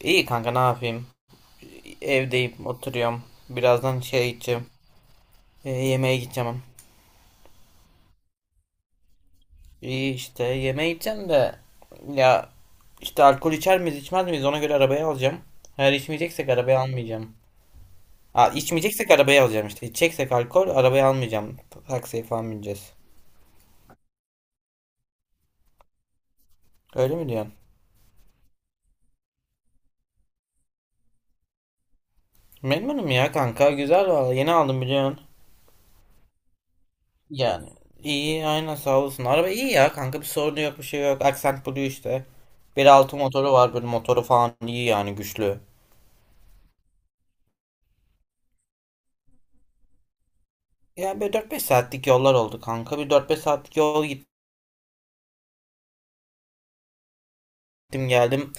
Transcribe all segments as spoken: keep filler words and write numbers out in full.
İyi kanka, ne yapayım? Evdeyim, oturuyorum. Birazdan şeye gideceğim. E, yemeğe gideceğim. İyi işte, yemeğe gideceğim de ya işte alkol içer miyiz içmez miyiz, ona göre arabayı alacağım. Eğer içmeyeceksek arabayı almayacağım. Aa, içmeyeceksek arabayı alacağım işte. İçeceksek alkol, arabayı almayacağım. Taksiye falan bineceğiz. Öyle mi diyorsun? Memnunum ya kanka. Güzel valla. Yeni aldım, biliyorsun. Yani iyi, aynen sağ olsun. Araba iyi ya kanka, bir sorunu yok, bir şey yok. Accent Blue işte. Bir altı motoru var, böyle motoru falan iyi yani, güçlü. Yani böyle dört beş saatlik yollar oldu kanka. Bir dört beş saatlik yol gittim geldim.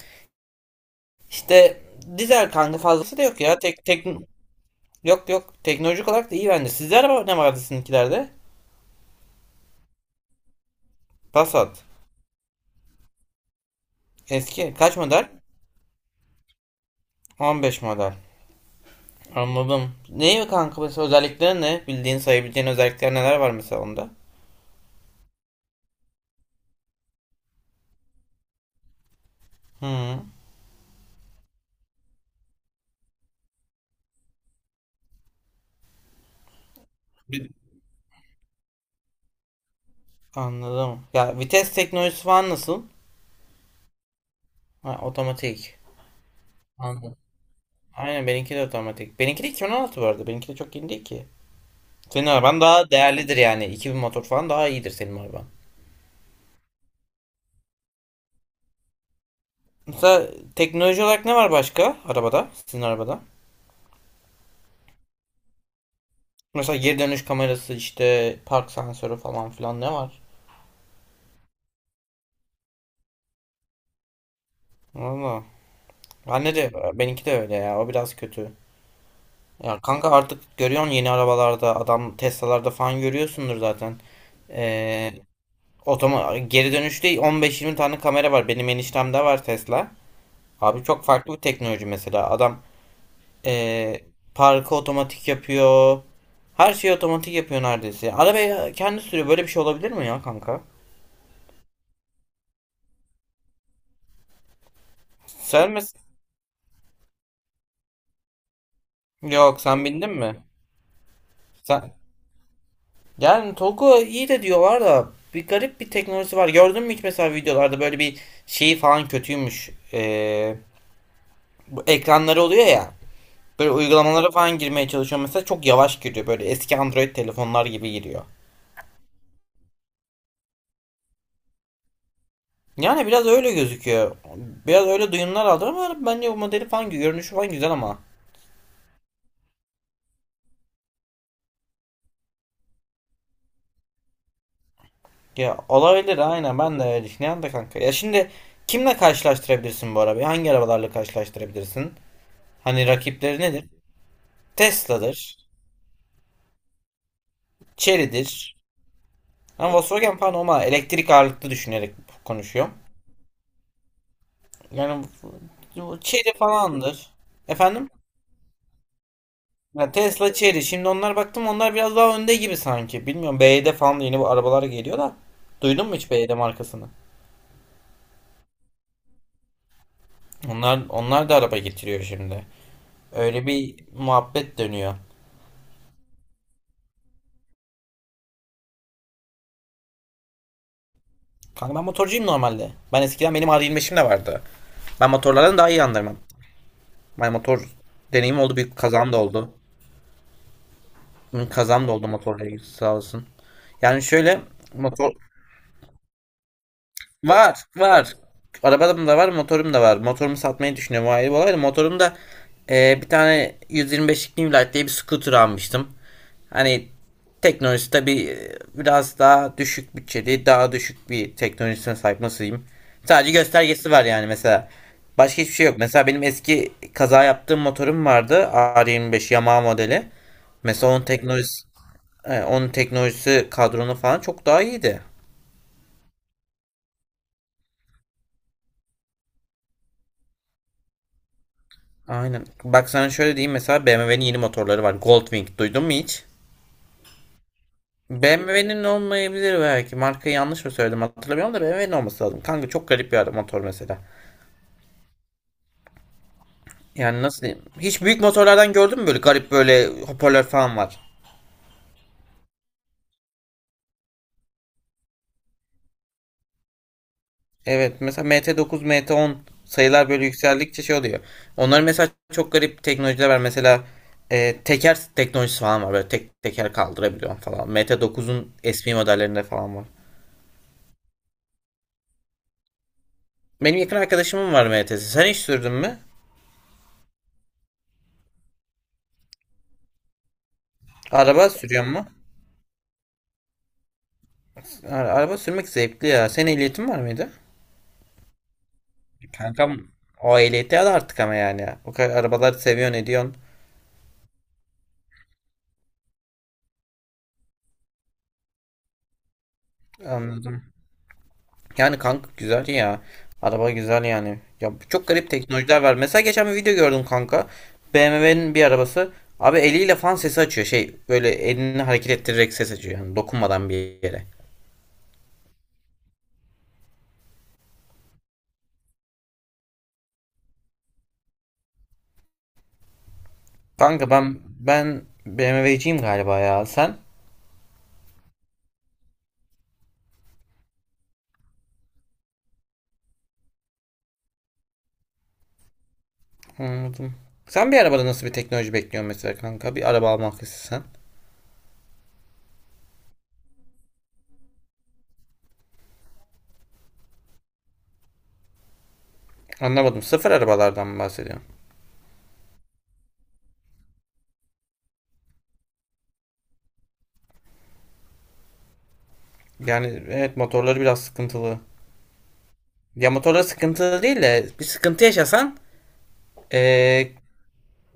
İşte dizel kanka, fazlası da yok ya. Tek, tek, yok yok teknolojik olarak da iyi bence. Sizde araba ne vardı, sizinkilerde? Passat. Eski kaç model? on beş model. Anladım. Ne kanka, mesela özellikleri ne? Bildiğin sayabileceğin özellikler neler var mesela onda? Hı. Anladım. Ya vites teknolojisi falan nasıl? Ha, otomatik. Anladım. Aynen, benimki de otomatik. Benimki de iki bin on altı bu arada. Benimki de çok yeni değil ki. Senin araban daha değerlidir yani. İki bin motor falan, daha iyidir senin araban. Mesela teknoloji olarak ne var başka arabada? Sizin arabada? Mesela geri dönüş kamerası işte, park sensörü falan filan, ne var? Valla. Bende de, benimki de öyle ya. O biraz kötü. Ya kanka, artık görüyorsun yeni arabalarda, adam Tesla'larda falan görüyorsundur zaten. Ee, Otoma geri dönüşte on beş yirmi tane kamera var. Benim eniştemde var Tesla. Abi çok farklı bir teknoloji mesela. Adam eee parkı otomatik yapıyor. Her şeyi otomatik yapıyor neredeyse. Arabayı kendi sürüyor. Böyle bir şey olabilir mi ya kanka? Sen mi? Yok, sen bindin mi? Sen... Yani Togo iyi de diyorlar da, bir garip bir teknolojisi var. Gördün mü hiç mesela videolarda, böyle bir şeyi falan kötüymüş. Eee, bu ekranları oluyor ya. Böyle uygulamalara falan girmeye çalışıyorum mesela, çok yavaş giriyor, böyle eski Android telefonlar gibi giriyor. Yani biraz öyle gözüküyor. Biraz öyle duyumlar aldım ama bence bu modeli falan, görünüşü falan güzel ama. Ya olabilir, aynen ben de öyle düşünüyorum da kanka. Ya şimdi kimle karşılaştırabilirsin bu arabayı? Hangi arabalarla karşılaştırabilirsin? Hani rakipleri nedir? Tesla'dır, Chery'dir. Ama Volkswagen falan, ama elektrik ağırlıklı düşünerek konuşuyorum. Yani bu- Chery falandır. Efendim? Ya Tesla, Cherry. Şimdi onlar, baktım onlar biraz daha önde gibi sanki. Bilmiyorum, B Y D falan da yeni bu arabalar geliyor da. Duydun mu hiç B Y D markasını? Onlar onlar da araba getiriyor şimdi. Öyle bir muhabbet dönüyor. Kanka ben motorcuyum normalde. Ben eskiden benim R yirmi beşim de vardı. Ben motorlardan daha iyi anlarım. Ben motor Deneyim oldu. Bir kazam da oldu. Hı, kazam da oldu motorla ilgili, sağ olsun. Yani şöyle motor Var, var. Arabam da var, motorum da var. Motorumu satmayı düşünüyorum. O ayrı bir olay da, motorum da e, bir tane yüz yirmi beşlik New Light diye bir scooter almıştım. Hani teknolojisi tabii e, biraz daha düşük bütçeli, daha düşük bir teknolojisine sahip nasılayım. Sadece göstergesi var yani mesela. Başka hiçbir şey yok. Mesela benim eski kaza yaptığım motorum vardı. R yirmi beş Yamaha modeli. Mesela onun teknolojisi, e, onun teknolojisi kadronu falan çok daha iyiydi. Aynen. Bak sana şöyle diyeyim, mesela B M W'nin yeni motorları var. Goldwing. Duydun mu hiç? B M W'nin olmayabilir belki. Markayı yanlış mı söyledim, hatırlamıyorum da B M W'nin olması lazım. Kanka çok garip bir adam motor mesela. Yani nasıl diyeyim? Hiç büyük motorlardan gördün mü böyle, garip, böyle hoparlör falan var. Evet mesela M T dokuz, M T on, sayılar böyle yükseldikçe şey oluyor. Onların mesela çok garip teknolojiler var. Mesela e, teker teknolojisi falan var. Böyle tek teker kaldırabiliyor falan. M T dokuzun eski modellerinde falan var. Benim yakın arkadaşımın var M T S. Sen hiç sürdün mü? Araba sürüyor mu? Ara- Araba sürmek zevkli ya. Senin ehliyetin var mıydı? Kankam, o ehliyeti al artık ama yani. O kadar arabaları seviyorsun, ediyorsun. Anladım. Yani kanka güzel ya. Araba güzel yani. Ya çok garip teknolojiler var. Mesela geçen bir video gördüm kanka. B M W'nin bir arabası. Abi eliyle fan sesi açıyor. Şey böyle, elini hareket ettirerek ses açıyor. Yani dokunmadan bir yere. Kanka ben ben B M W'ciyim galiba ya. Sen? Anladım. Sen bir arabada nasıl bir teknoloji bekliyorsun mesela kanka? Bir araba almak istesen. Anlamadım. Sıfır arabalardan mı bahsediyorsun? Yani evet, motorları biraz sıkıntılı. Ya motorları sıkıntılı değil de, bir sıkıntı yaşasan eee,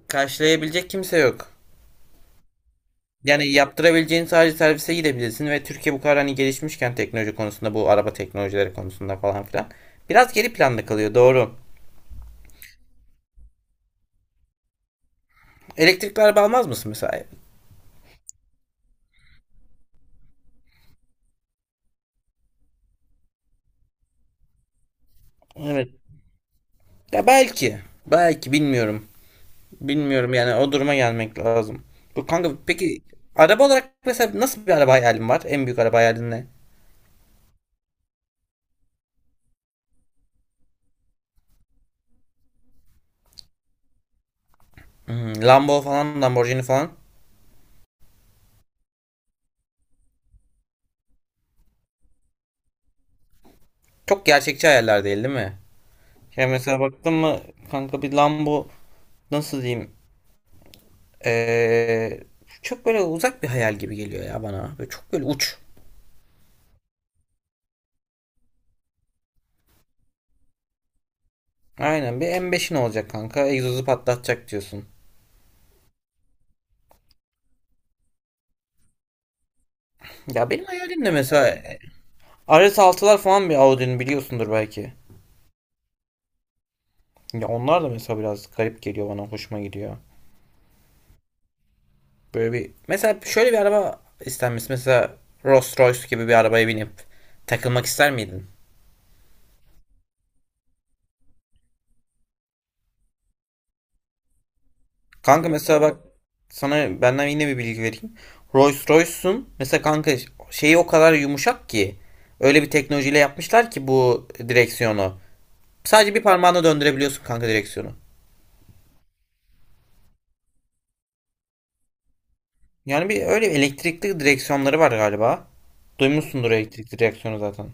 karşılayabilecek kimse yok. Yani yaptırabileceğin, sadece servise gidebilirsin, ve Türkiye bu kadar hani gelişmişken teknoloji konusunda, bu araba teknolojileri konusunda falan filan. Biraz geri planda kalıyor, doğru. Elektrikli araba almaz mısın mesela? Evet. Ya belki. Belki bilmiyorum. Bilmiyorum yani, o duruma gelmek lazım. Bu kanka peki, araba olarak mesela nasıl bir araba hayalin var? En büyük araba hayalin ne? Hmm, Lambo falan, Lamborghini falan. Çok gerçekçi hayaller değil, değil mi? Ya mesela baktın mı kanka bir Lambo, nasıl diyeyim? Ee, Çok böyle uzak bir hayal gibi geliyor ya bana. Böyle çok böyle uç. Aynen, bir M beşin olacak kanka. Egzozu patlatacak diyorsun. Ya benim hayalim de mesela rs altılar falan, bir Audi'nin, biliyorsundur belki. Ya onlar da mesela biraz garip geliyor bana. Hoşuma gidiyor. Böyle bir mesela, şöyle bir araba istenmesi. Mesela Rolls Royce gibi bir arabaya binip takılmak ister miydin? Kanka mesela bak, sana benden yine bir bilgi vereyim. Rolls Royce'un mesela kanka şeyi o kadar yumuşak ki, öyle bir teknolojiyle yapmışlar ki bu direksiyonu. Sadece bir parmağına döndürebiliyorsun kanka direksiyonu. Yani bir öyle elektrikli direksiyonları var galiba. Duymuşsundur elektrikli direksiyonu zaten.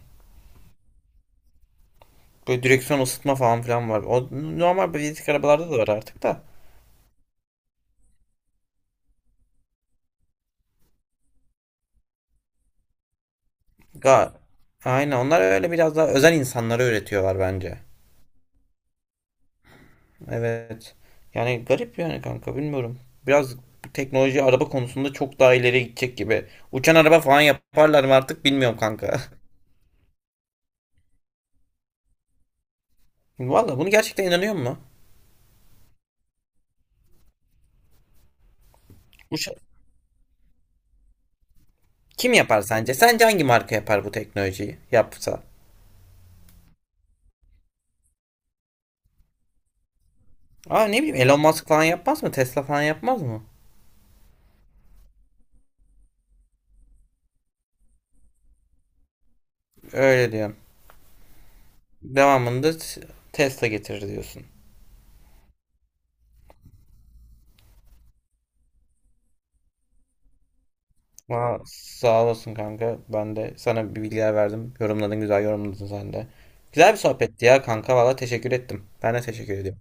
Böyle direksiyon ısıtma falan filan var. O normal bilezik arabalarda da var artık da. Ga Aynen, onlar öyle biraz daha özel insanlara üretiyorlar bence. Evet. Yani garip yani kanka, bilmiyorum. Biraz teknoloji, araba konusunda çok daha ileri gidecek gibi. Uçan araba falan yaparlar mı artık, bilmiyorum kanka. Valla bunu gerçekten inanıyor musun? Uça Kim yapar sence? Sence hangi marka yapar bu teknolojiyi, yapsa? Aa, ne bileyim, Elon Musk falan yapmaz mı? Tesla falan yapmaz mı? Öyle diyorum. Devamında t- Tesla getirir diyorsun. Ama sağ olasın kanka. Ben de sana bir bilgiler verdim. Yorumladın, güzel yorumladın sen de. Güzel bir sohbetti ya kanka. Valla teşekkür ettim. Ben de teşekkür ediyorum.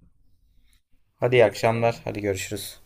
Hadi iyi akşamlar. Hadi görüşürüz.